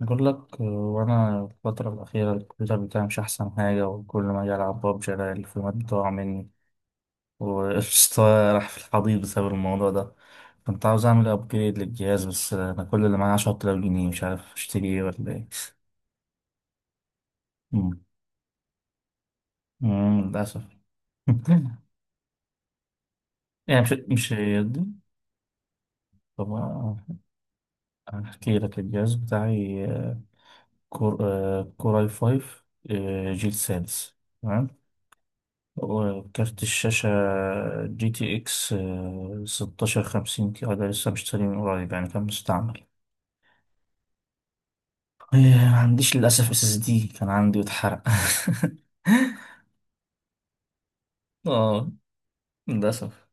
بقول لك وانا الفترة الأخيرة الكمبيوتر بتاعي مش أحسن حاجة، وكل ما أجي ألعب ببجي ألاقي الفريمات بتقع مني وقشطة. راح في الحضيض بسبب الموضوع ده. كنت عاوز أعمل أبجريد للجهاز، بس أنا كل اللي معايا 10000 جنيه، مش عارف أشتري إيه ولا إيه. مم. للأسف. يعني مش يدي. طب أحكي لك الجهاز بتاعي. كور كور اي 5، جيل سادس. وكارت الشاشة جي تي اكس، 1650 كده، ده لسه مشتريه من قريب يعني، كان مستعمل. إيه، ما عنديش للأسف اس اس دي، كان عندي واتحرق. اه، للأسف.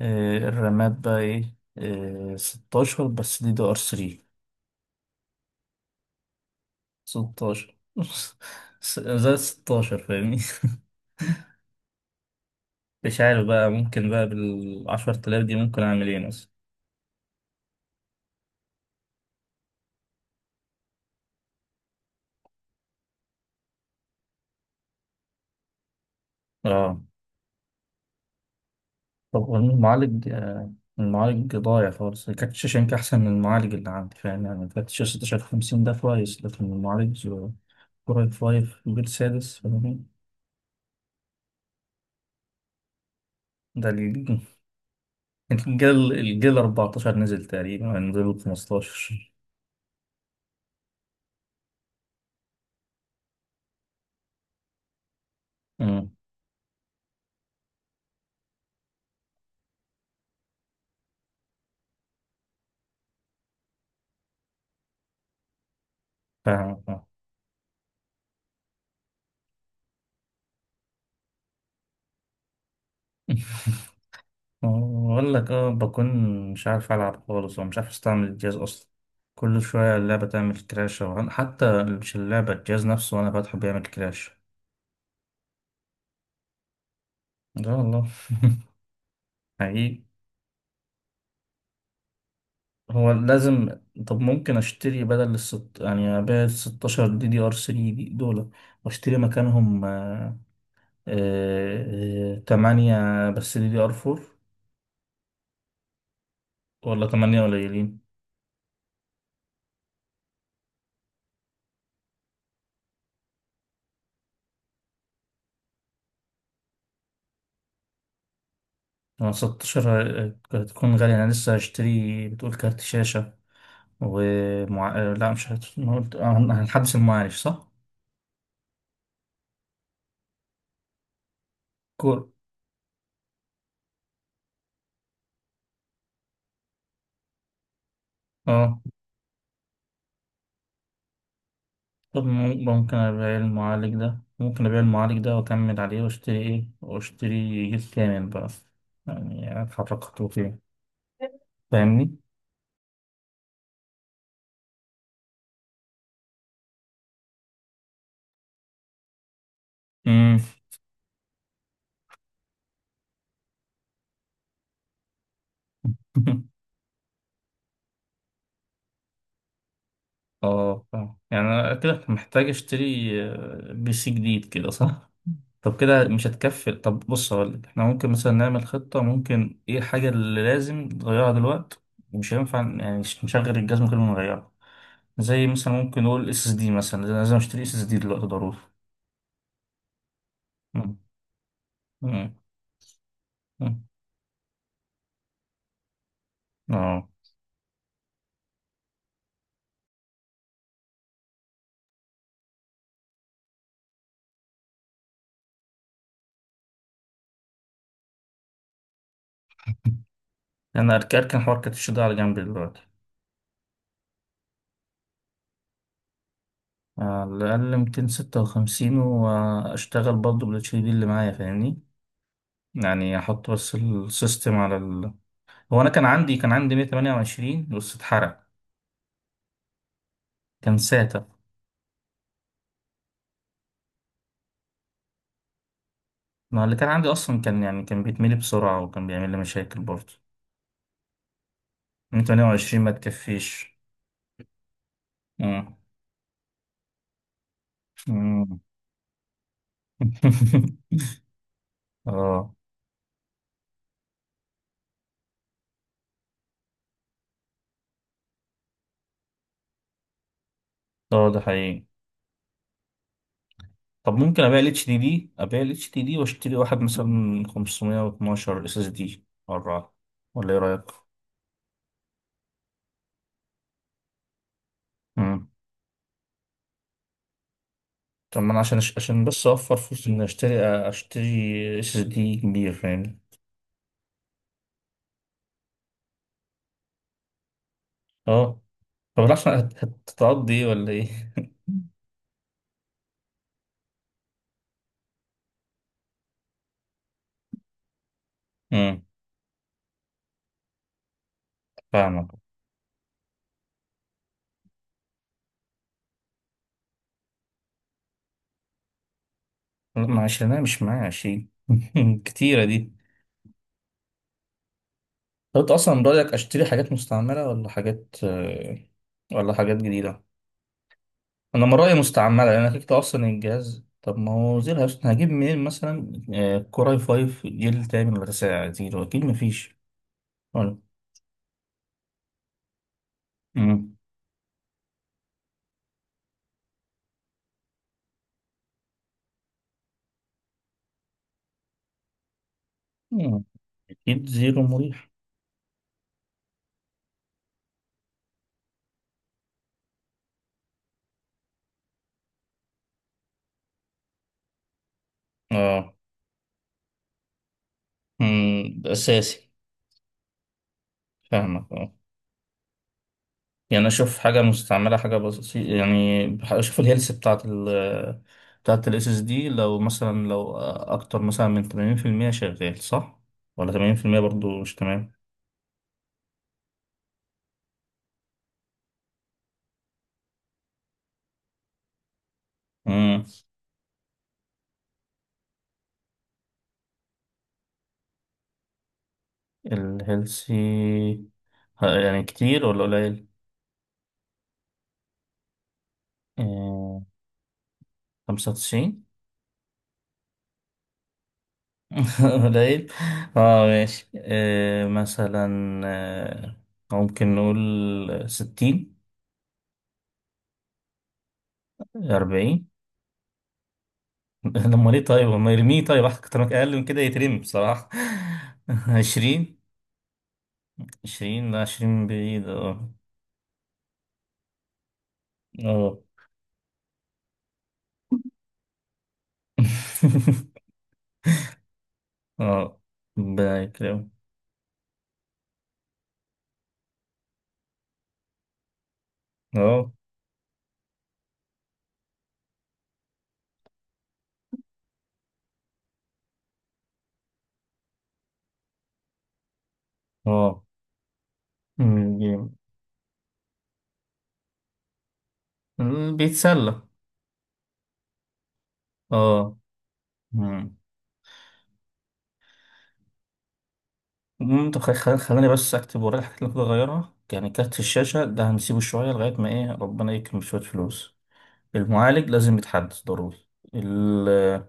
إيه، الرامات بقى ايه. 16، بس دي دي ار 3. 16، زائد 16، فاهمني. مش عارف بقى، ممكن بقى بالعشرة آلاف دي ممكن أعمل ايه مثلا؟ اه. طب والمعالج، المعالج ضايع خالص. كارت الشاشة يمكن أحسن من المعالج اللي عندي، فاهم يعني، كارت الشاشة 1650 ده كويس، لكن المعالج كور اي 5 جيل سادس، فاهمني. ده الجيل، الجيل 14 نزل تقريبا، يعني نزل 15. أمم، فاهم فاهم. بقول لك، بكون مش عارف ألعب خالص، ومش عارف أستعمل الجهاز أصلا. كل شوية اللعبة تعمل كراش، أو حتى مش اللعبة، الجهاز نفسه وأنا فاتحه بيعمل كراش. لا والله. حقيقي. هو لازم. طب ممكن اشتري بدل الست، يعني ابيع ال 16 دي دي ار 3 دي دول، واشتري مكانهم 8، بس دي دي ار 4. ولا 8 قليلين؟ 16 هتكون غالية، انا لسه هشتري بتقول كارت شاشة ومع... لا مش هت... أنا قلت- هنحدث المعالج صح؟ كور. اه. طب ممكن أبيع المعالج ده، وأكمل عليه، وأشتري جيل كامل بقى. يعني أتحرك خطوتين، فاهمني؟ مم. اه، فاهم. يعني أنا كده محتاج أشتري بي سي جديد كده، صح؟ طب كده مش هتكفي. طب بص هقولك، احنا ممكن مثلا نعمل خطة، ممكن ايه الحاجة اللي لازم نغيرها دلوقتي ومش هينفع يعني نشغل الجهاز من غير ما نغيرها. زي مثلا ممكن نقول اس اس دي، مثلا لازم اشتري اس اس دي دلوقتي ضروري. مم. مم. مم. اه. انا اركن اركن حوار كاتش ده على جنب دلوقتي. على الاقل 256، واشتغل برضه بالاتش دي اللي معايا، فاهمني؟ يعني احط بس السيستم على ال... هو انا كان عندي 128، بس اتحرق. كان ساتا. ما اللي كان عندي اصلا كان يعني كان بيتملي بسرعه، وكان بيعمل لي مشاكل برضه. 128 ما تكفيش. مم. مم. اه. اه، ده حقيقي. طب ممكن ابيع الاتش دي دي، واشتري واحد مثلا 512 اس اس دي اربعة. ولا ايه رايك؟ امم طب ما انا عشان بس اوفر فلوس، اني اشتري اشتري اس اس دي كبير، فاهمني. اه. طب الاحسن هتقضي ايه ولا ايه؟ امم. فاهمك. لا، ما عشان انا مش معايا 20 كتيره دي. طب انت اصلا رايك اشتري حاجات مستعمله ولا حاجات، ولا حاجات جديده؟ انا من رايي مستعمله، لان كده كده اصلا الجهاز. طب ما هو زي الهاوس، هجيب منين مثلا كور اي 5 جيل تاني ولا تسعة زيرو؟ اكيد مفيش. ولا. مم. مم. اكيد زيرو مريح. اه. مم. ده اساسي. فاهمك اه. يعني اشوف حاجه مستعمله، حاجه بسيطه، يعني اشوف الهيلث بتاعت ال... بتاعت الاس اس دي. لو مثلا لو اكتر مثلا من 80% شغال، صح؟ ولا 80% برضو مش؟ تمام. الهيلثي يعني كتير ولا قليل؟ آه، 95. قليل. اه، ماشي. مثلا، آه، ممكن نقول 60. 40. لما ليه طيب، لما يرميه طيب. أكتر من، أقل من كده يترمي بصراحة. 20. 20، لا 20 بعيد. اه. اه. اه. ربنا يكرمه. اه. اه. بيتسلى. اه. مم. المهم. طب خلاني بس اكتب ورايا الحاجات اللي المفروض اغيرها، يعني كارت الشاشة ده هنسيبه شوية لغاية ما ايه، ربنا يكرم شوية فلوس. المعالج لازم يتحدث ضروري. ال-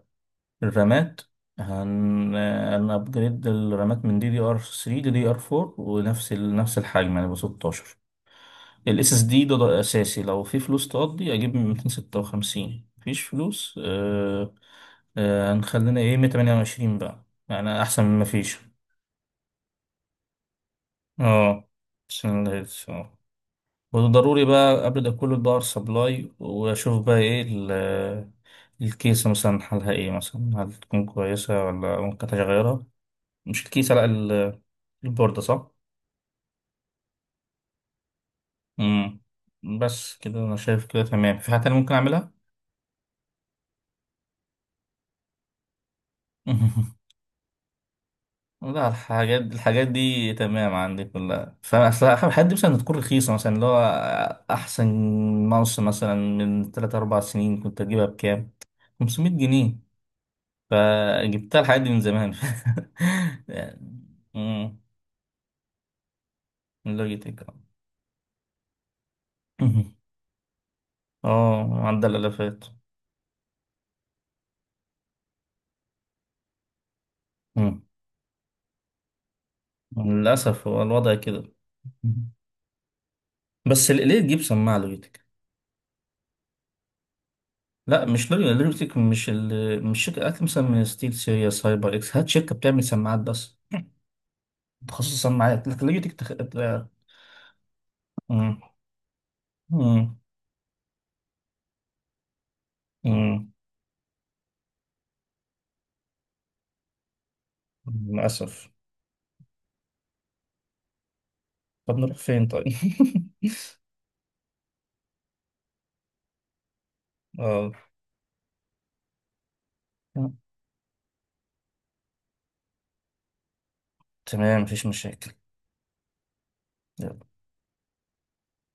الرامات، هن ابجريد الرامات من دي دي ار 3 دي دي ار 4، ونفس ال... نفس الحجم يعني، ب 16. الاس اس دي ده، ده اساسي. لو في فلوس تقضي اجيب من 256، مفيش فلوس، هنخلينا ايه، 128 بقى، يعني احسن من مفيش. اه، عشان الهيلث اه. وضروري بقى قبل ده كله باور سبلاي، واشوف بقى ايه الكيسة مثلا حالها ايه مثلا، هل تكون كويسة ولا ممكن تغيرها؟ مش الكيسة، لا، البوردة، صح؟ مم. بس كده انا شايف كده تمام. في حاجة تانية ممكن اعملها؟ لا، الحاجات الحاجات دي تمام عندي كلها فاصل. الحاجات دي مثلا تكون رخيصة مثلا، اللي هو احسن. ماوس مثلا من 3 4 سنين كنت اجيبها بكام؟ 500 جنيه. فجبت لها الحاجات دي من زمان. يعني. مم، من لوجيتك. اه، عدى الالافات. مم. للاسف، هو الوضع كده. مم. بس ليه تجيب سماعه لوجيتك؟ لا، مش لوجيتك، لوجيتك مش ال... مش شركه. هات مثلا من ستيل سيريا، سايبر اكس. هات شركه بتعمل سماعات بس، تخصص سماعات، لكن لوجيتك مم. مم. مم. للاسف. طب نروح فين طيب؟ اه. تمام، مفيش مشاكل.